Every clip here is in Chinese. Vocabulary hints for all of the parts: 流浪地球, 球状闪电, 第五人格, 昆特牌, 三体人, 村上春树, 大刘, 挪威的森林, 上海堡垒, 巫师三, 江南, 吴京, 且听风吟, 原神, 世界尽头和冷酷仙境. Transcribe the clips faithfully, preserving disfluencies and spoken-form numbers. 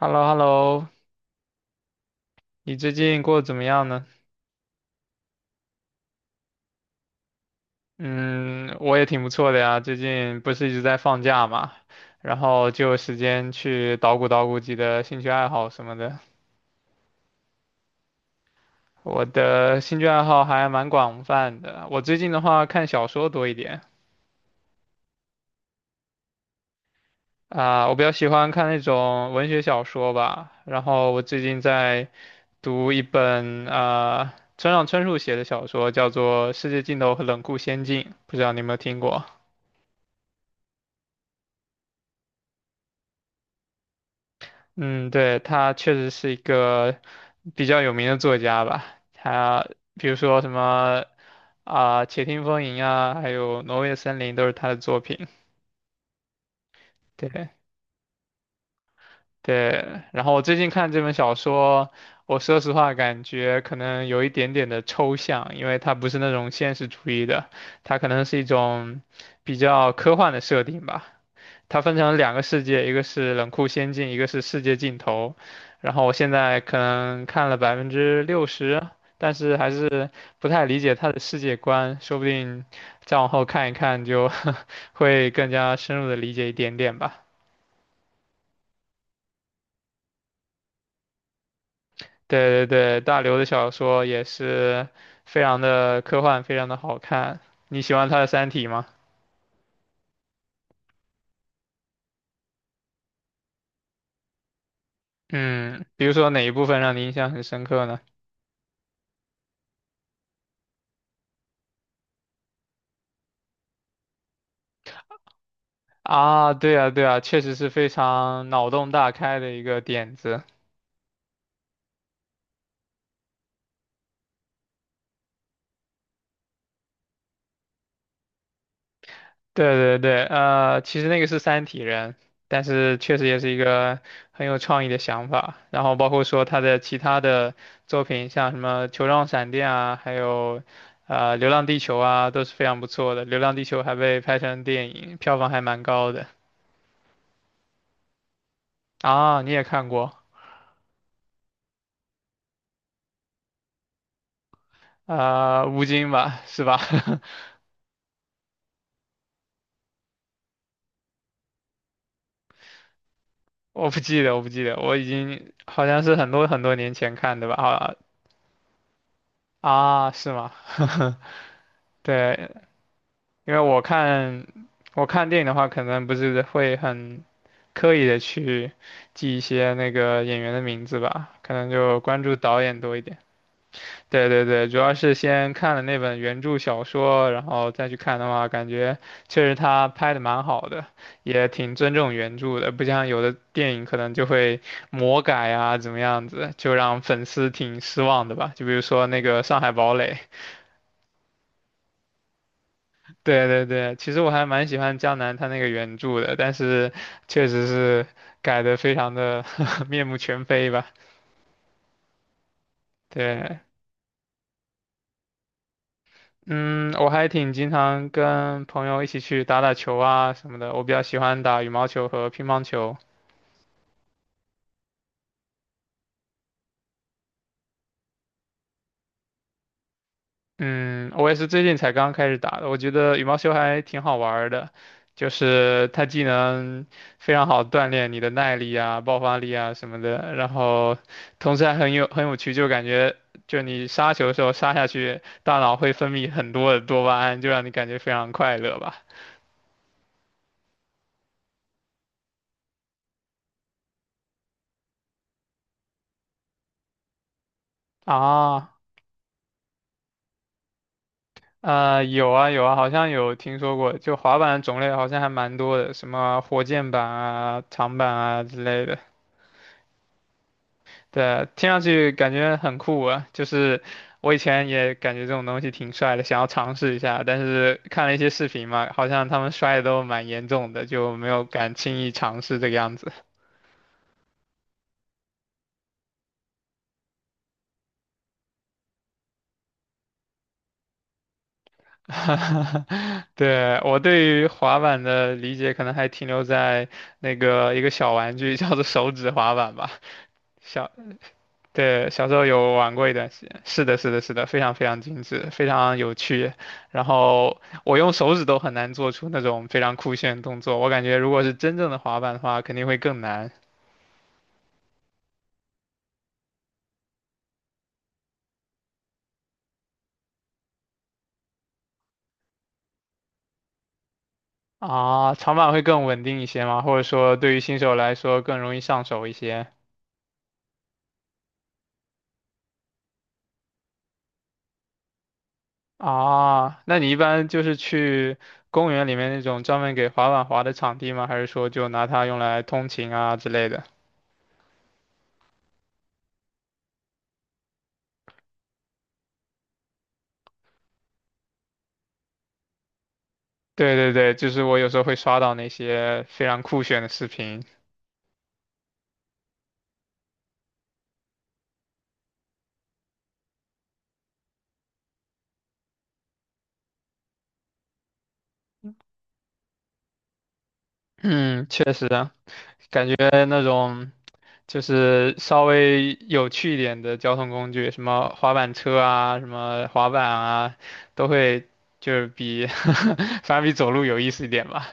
h e l l o h e l l o 你最近过得怎么样呢？嗯，我也挺不错的呀，最近不是一直在放假嘛，然后就有时间去捣鼓捣鼓自己的兴趣爱好什么的。我的兴趣爱好还蛮广泛的，我最近的话看小说多一点。啊，我比较喜欢看那种文学小说吧，然后我最近在读一本啊村上春树写的小说，叫做《世界尽头和冷酷仙境》，不知道你有没有听过？嗯，对，他确实是一个比较有名的作家吧。他比如说什么啊，且听风吟》啊，还有《挪威的森林》都是他的作品。对对，然后我最近看这本小说，我说实话感觉可能有一点点的抽象，因为它不是那种现实主义的，它可能是一种比较科幻的设定吧。它分成两个世界，一个是冷酷仙境，一个是世界尽头。然后我现在可能看了百分之六十，但是还是不太理解它的世界观，说不定再往后看一看就 会更加深入的理解一点点吧。对对对，大刘的小说也是非常的科幻，非常的好看。你喜欢他的《三体》吗？嗯，比如说哪一部分让你印象很深刻呢？啊，对啊，对啊，确实是非常脑洞大开的一个点子。对对对，呃，其实那个是三体人，但是确实也是一个很有创意的想法。然后包括说他的其他的作品，像什么《球状闪电》啊，还有呃《流浪地球》啊，都是非常不错的。《流浪地球》还被拍成电影，票房还蛮高的啊。你也看过？啊？吴京吧，是吧？我不记得，我不记得，我已经好像是很多很多年前看的吧？啊啊，是吗？对，因为我看我看电影的话，可能不是会很刻意的去记一些那个演员的名字吧，可能就关注导演多一点。对对对，主要是先看了那本原著小说，然后再去看的话，感觉确实他拍的蛮好的，也挺尊重原著的，不像有的电影可能就会魔改啊，怎么样子，就让粉丝挺失望的吧。就比如说那个《上海堡垒》。对对对，其实我还蛮喜欢江南他那个原著的，但是确实是改的非常的 面目全非吧。对，嗯，我还挺经常跟朋友一起去打打球啊什么的，我比较喜欢打羽毛球和乒乓球。嗯，我也是最近才刚开始打的，我觉得羽毛球还挺好玩儿的，就是它既能非常好锻炼你的耐力啊、爆发力啊什么的，然后同时还很有很有趣，就感觉就你杀球的时候杀下去，大脑会分泌很多的多巴胺，就让你感觉非常快乐吧。啊，呃，有啊有啊，好像有听说过，就滑板的种类好像还蛮多的，什么火箭板啊、长板啊之类的。对啊，听上去感觉很酷啊，就是我以前也感觉这种东西挺帅的，想要尝试一下，但是看了一些视频嘛，好像他们摔的都蛮严重的，就没有敢轻易尝试这个样子。对，我对于滑板的理解可能还停留在那个一个小玩具叫做手指滑板吧。小。对，小时候有玩过一段时间，是的，是的，是的，非常非常精致，非常有趣。然后我用手指都很难做出那种非常酷炫的动作，我感觉如果是真正的滑板的话，肯定会更难。啊。长板会更稳定一些吗？或者说对于新手来说更容易上手一些。啊？那你一般就是去公园里面那种专门给滑板滑的场地吗？还是说就拿它用来通勤啊之类的？对对对，就是我有时候会刷到那些非常酷炫的视频。嗯，确实啊，感觉那种就是稍微有趣一点的交通工具，什么滑板车啊，什么滑板啊，都会就是比 反正比走路有意思一点吧。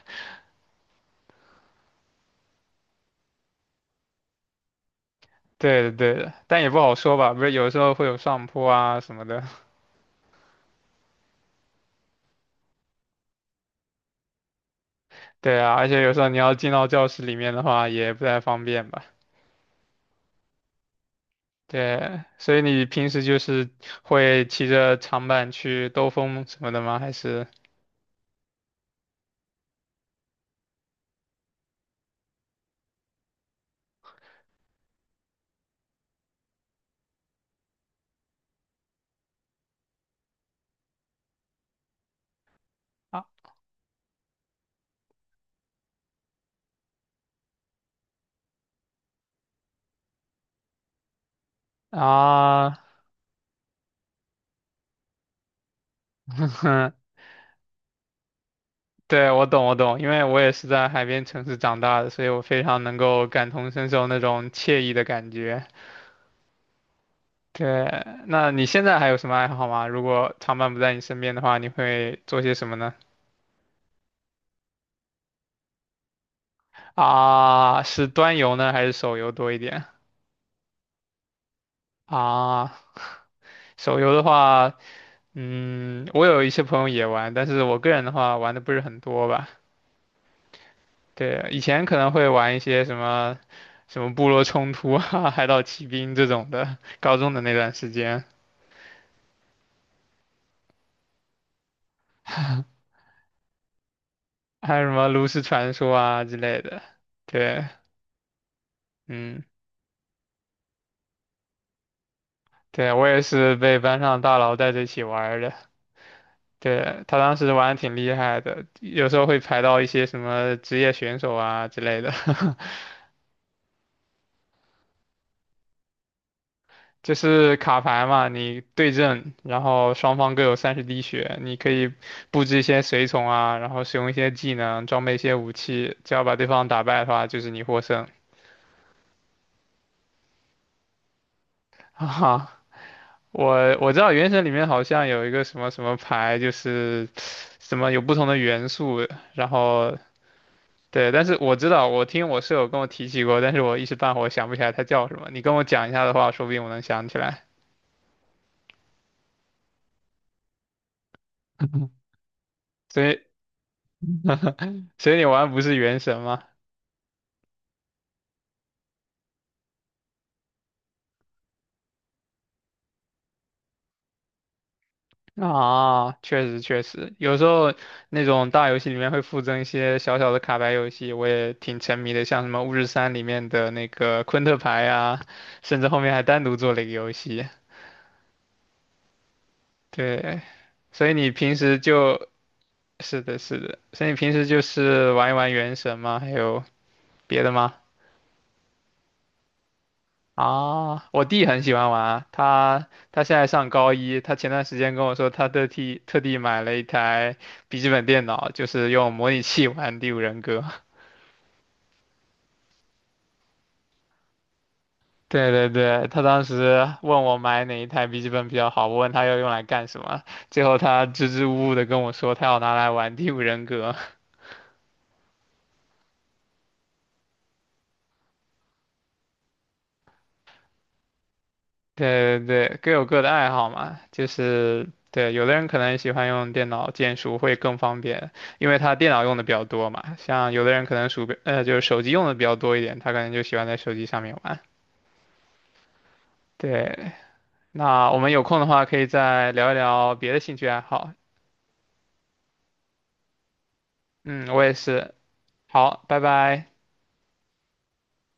对的，对的，但也不好说吧，不是有时候会有上坡啊什么的。对啊，而且有时候你要进到教室里面的话，也不太方便吧。对，所以你平时就是会骑着长板去兜风什么的吗？还是啊啊？对，我懂，我懂，因为我也是在海边城市长大的，所以我非常能够感同身受那种惬意的感觉。对，那你现在还有什么爱好吗？如果长伴不在你身边的话，你会做些什么呢？啊，是端游呢，还是手游多一点？啊，手游的话，嗯，我有一些朋友也玩，但是我个人的话玩的不是很多吧。对，以前可能会玩一些什么，什么部落冲突啊、海岛奇兵这种的，高中的那段时间。还有什么炉石传说啊之类的。对，嗯，对，我也是被班上大佬带着一起玩儿的。对，他当时玩的挺厉害的，有时候会排到一些什么职业选手啊之类的，就是卡牌嘛，你对阵，然后双方各有三十滴血，你可以布置一些随从啊，然后使用一些技能，装备一些武器，只要把对方打败的话，就是你获胜。哈哈，我我知道原神里面好像有一个什么什么牌，就是什么有不同的元素，然后对，但是我知道，我听我舍友跟我提起过，但是我一时半会儿想不起来它叫什么。你跟我讲一下的话，说不定我能想起来。所以所以你玩不是原神吗？啊，确实确实，有时候那种大游戏里面会附赠一些小小的卡牌游戏，我也挺沉迷的，像什么《巫师三》里面的那个昆特牌啊，甚至后面还单独做了一个游戏。对，所以你平时就是的，是的，所以你平时就是玩一玩原神吗？还有别的吗？啊，我弟很喜欢玩啊他他现在上高一，他前段时间跟我说，他特地特地买了一台笔记本电脑，就是用模拟器玩《第五人格》。对对对，他当时问我买哪一台笔记本比较好，我问他要用来干什么，最后他支支吾吾的跟我说，他要拿来玩《第五人格》。对对对，各有各的爱好嘛，就是对，有的人可能喜欢用电脑键鼠会更方便，因为他电脑用的比较多嘛。像有的人可能鼠标，呃，就是手机用的比较多一点，他可能就喜欢在手机上面玩。对，那我们有空的话可以再聊一聊别的兴趣爱好。嗯，我也是。好，拜拜。